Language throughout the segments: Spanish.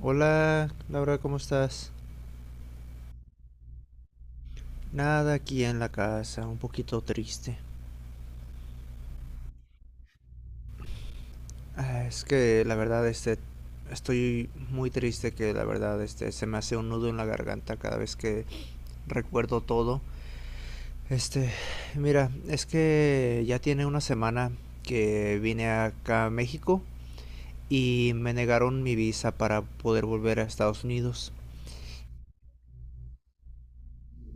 Hola, Laura, ¿cómo estás? Nada aquí en la casa, un poquito triste. Ah, es que la verdad, estoy muy triste que la verdad, se me hace un nudo en la garganta cada vez que recuerdo todo. Este, mira, es que ya tiene una semana que vine acá a México y me negaron mi visa para poder volver a Estados Unidos.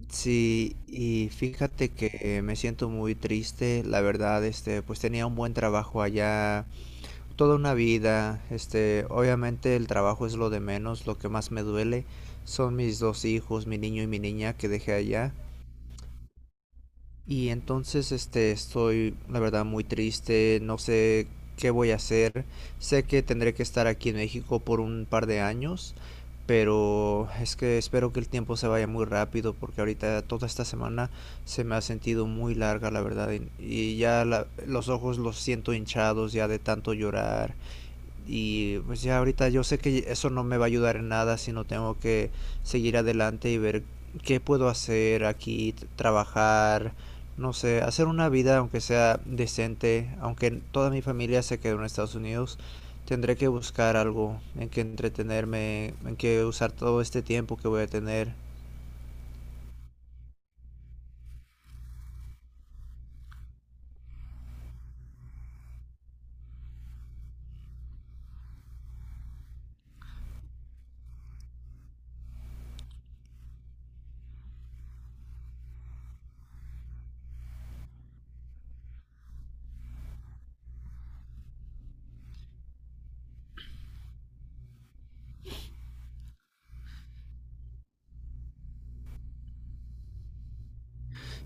Sí, y fíjate que me siento muy triste, la verdad, pues tenía un buen trabajo allá, toda una vida, obviamente el trabajo es lo de menos, lo que más me duele son mis dos hijos, mi niño y mi niña que dejé allá, y entonces, estoy, la verdad, muy triste, no sé qué voy a hacer. Sé que tendré que estar aquí en México por un par de años, pero es que espero que el tiempo se vaya muy rápido porque ahorita toda esta semana se me ha sentido muy larga, la verdad, y ya los ojos los siento hinchados ya de tanto llorar y pues ya ahorita yo sé que eso no me va a ayudar en nada, sino tengo que seguir adelante y ver qué puedo hacer aquí, trabajar, no sé, hacer una vida aunque sea decente, aunque toda mi familia se quedó en Estados Unidos, tendré que buscar algo en que entretenerme, en que usar todo este tiempo que voy a tener.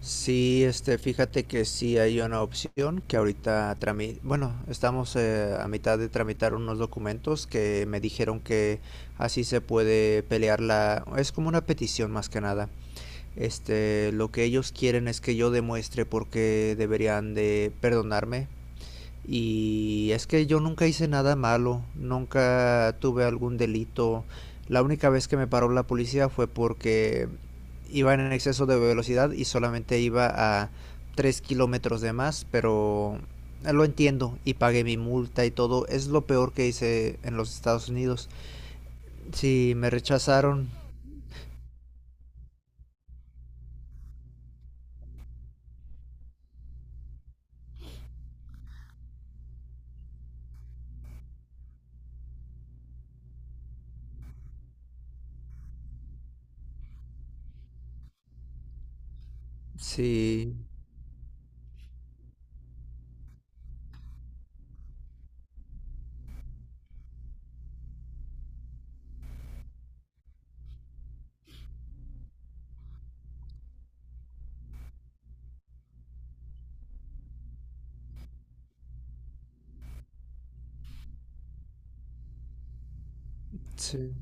Sí, fíjate que sí hay una opción que ahorita bueno, estamos a mitad de tramitar unos documentos que me dijeron que así se puede pelear la, es como una petición más que nada. Lo que ellos quieren es que yo demuestre por qué deberían de perdonarme y es que yo nunca hice nada malo, nunca tuve algún delito. La única vez que me paró la policía fue porque iba en exceso de velocidad y solamente iba a 3 kilómetros de más, pero lo entiendo y pagué mi multa y todo. Es lo peor que hice en los Estados Unidos. Sí, me rechazaron. Sí, sí,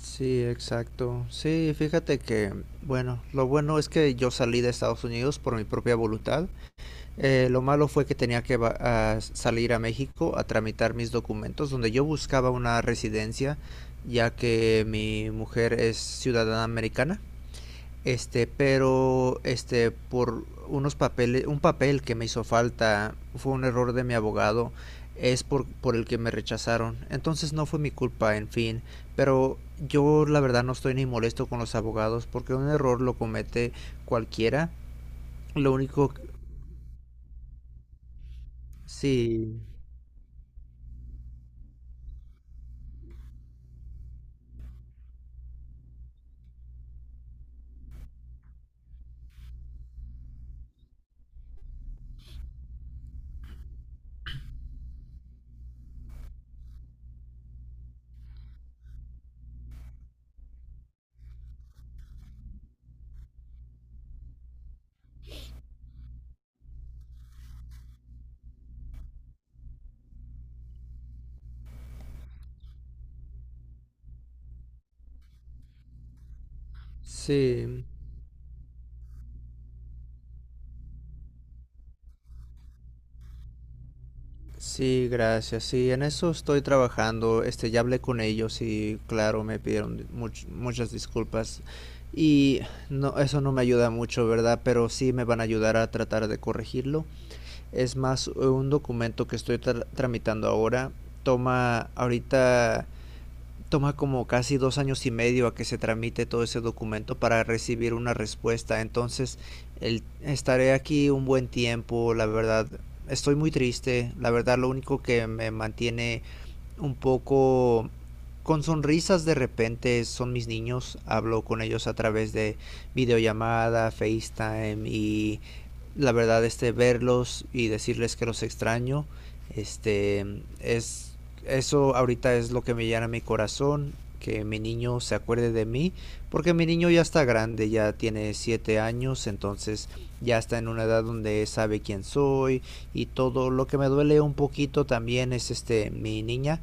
sí, exacto. Sí, fíjate que, bueno, lo bueno es que yo salí de Estados Unidos por mi propia voluntad. Lo malo fue que tenía que a salir a México a tramitar mis documentos, donde yo buscaba una residencia, ya que mi mujer es ciudadana americana. Pero por unos papeles, un papel que me hizo falta, fue un error de mi abogado, es por el que me rechazaron. Entonces no fue mi culpa, en fin, pero yo la verdad no estoy ni molesto con los abogados porque un error lo comete cualquiera. Lo único, sí, sí, sí, gracias. Sí, en eso estoy trabajando. Ya hablé con ellos y claro, me pidieron muchas disculpas. Y no, eso no me ayuda mucho, ¿verdad? Pero sí me van a ayudar a tratar de corregirlo. Es más, un documento que estoy tramitando ahora toma ahorita toma como casi 2 años y medio a que se tramite todo ese documento para recibir una respuesta. Entonces, estaré aquí un buen tiempo, la verdad. Estoy muy triste, la verdad lo único que me mantiene un poco con sonrisas de repente son mis niños, hablo con ellos a través de videollamada, FaceTime y la verdad verlos y decirles que los extraño, este es eso ahorita es lo que me llena mi corazón, que mi niño se acuerde de mí, porque mi niño ya está grande, ya tiene 7 años, entonces ya está en una edad donde sabe quién soy y todo lo que me duele un poquito también es mi niña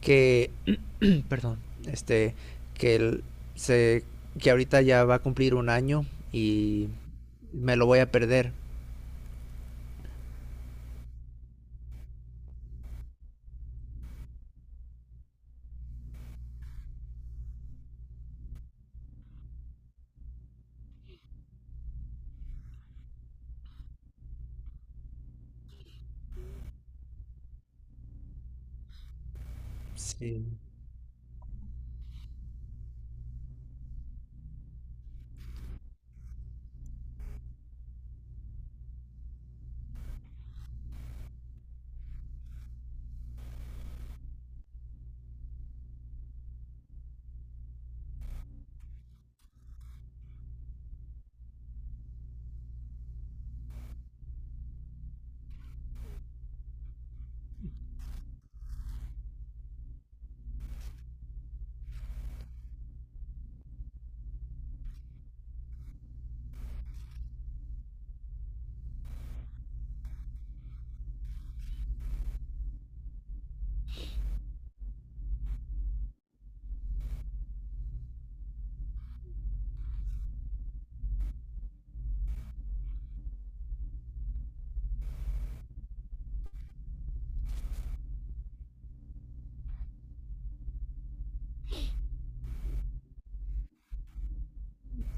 que, perdón, este, que él se, que ahorita ya va a cumplir un año y me lo voy a perder. Sí.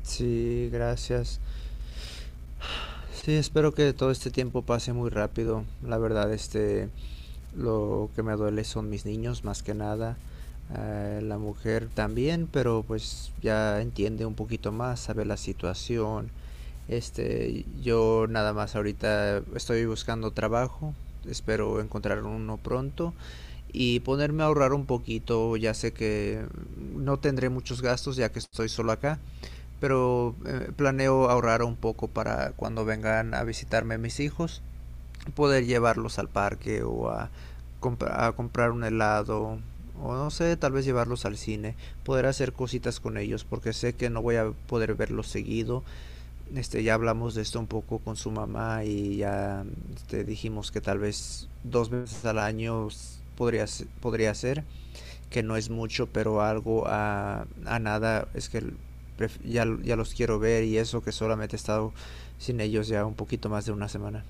Sí, gracias. Sí, espero que todo este tiempo pase muy rápido. La verdad, lo que me duele son mis niños, más que nada. La mujer también, pero pues ya entiende un poquito más, sabe la situación. Yo nada más ahorita estoy buscando trabajo, espero encontrar uno pronto y ponerme a ahorrar un poquito, ya sé que no tendré muchos gastos ya que estoy solo acá, pero planeo ahorrar un poco para cuando vengan a visitarme mis hijos, poder llevarlos al parque o a comprar un helado o no sé, tal vez llevarlos al cine, poder hacer cositas con ellos porque sé que no voy a poder verlos seguido ya hablamos de esto un poco con su mamá y ya dijimos que tal vez 2 veces al año podría, podría ser, que no es mucho, pero algo a nada es que ya, ya, los quiero ver y eso que solamente he estado sin ellos ya un poquito más de una semana.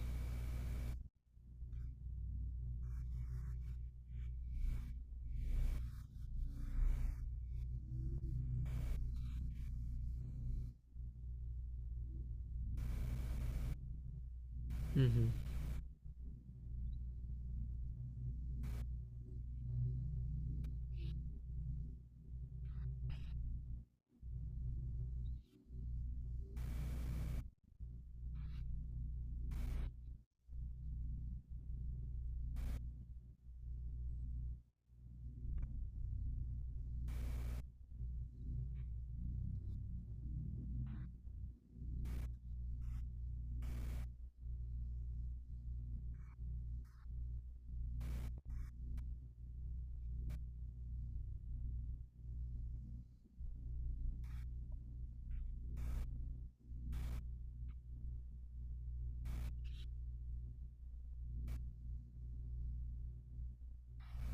Uh -huh,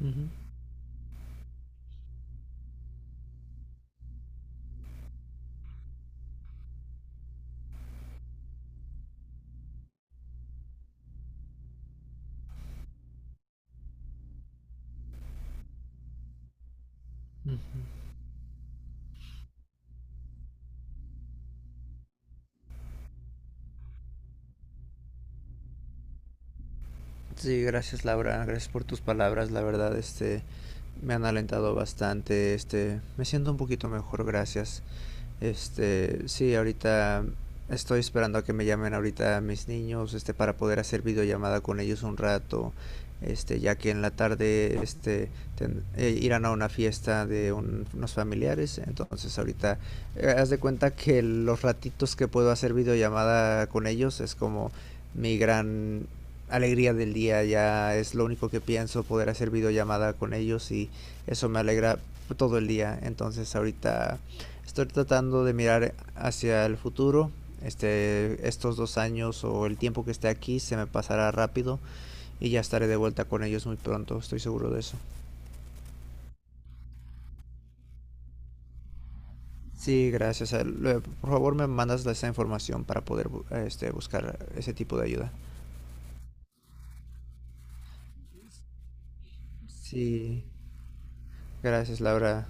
uh -huh, uh -huh. Sí, gracias, Laura, gracias por tus palabras, la verdad, me han alentado bastante, me siento un poquito mejor, gracias. Sí, ahorita estoy esperando a que me llamen ahorita mis niños, para poder hacer videollamada con ellos un rato, ya que en la tarde, irán a una fiesta de unos familiares, entonces ahorita, haz de cuenta que los ratitos que puedo hacer videollamada con ellos es como mi gran alegría del día, ya es lo único que pienso, poder hacer videollamada con ellos y eso me alegra todo el día, entonces ahorita estoy tratando de mirar hacia el futuro. Estos 2 años o el tiempo que esté aquí se me pasará rápido y ya estaré de vuelta con ellos muy pronto, estoy seguro de eso. Sí, gracias. Por favor, me mandas esa información para poder buscar ese tipo de ayuda. Sí, gracias, Laura.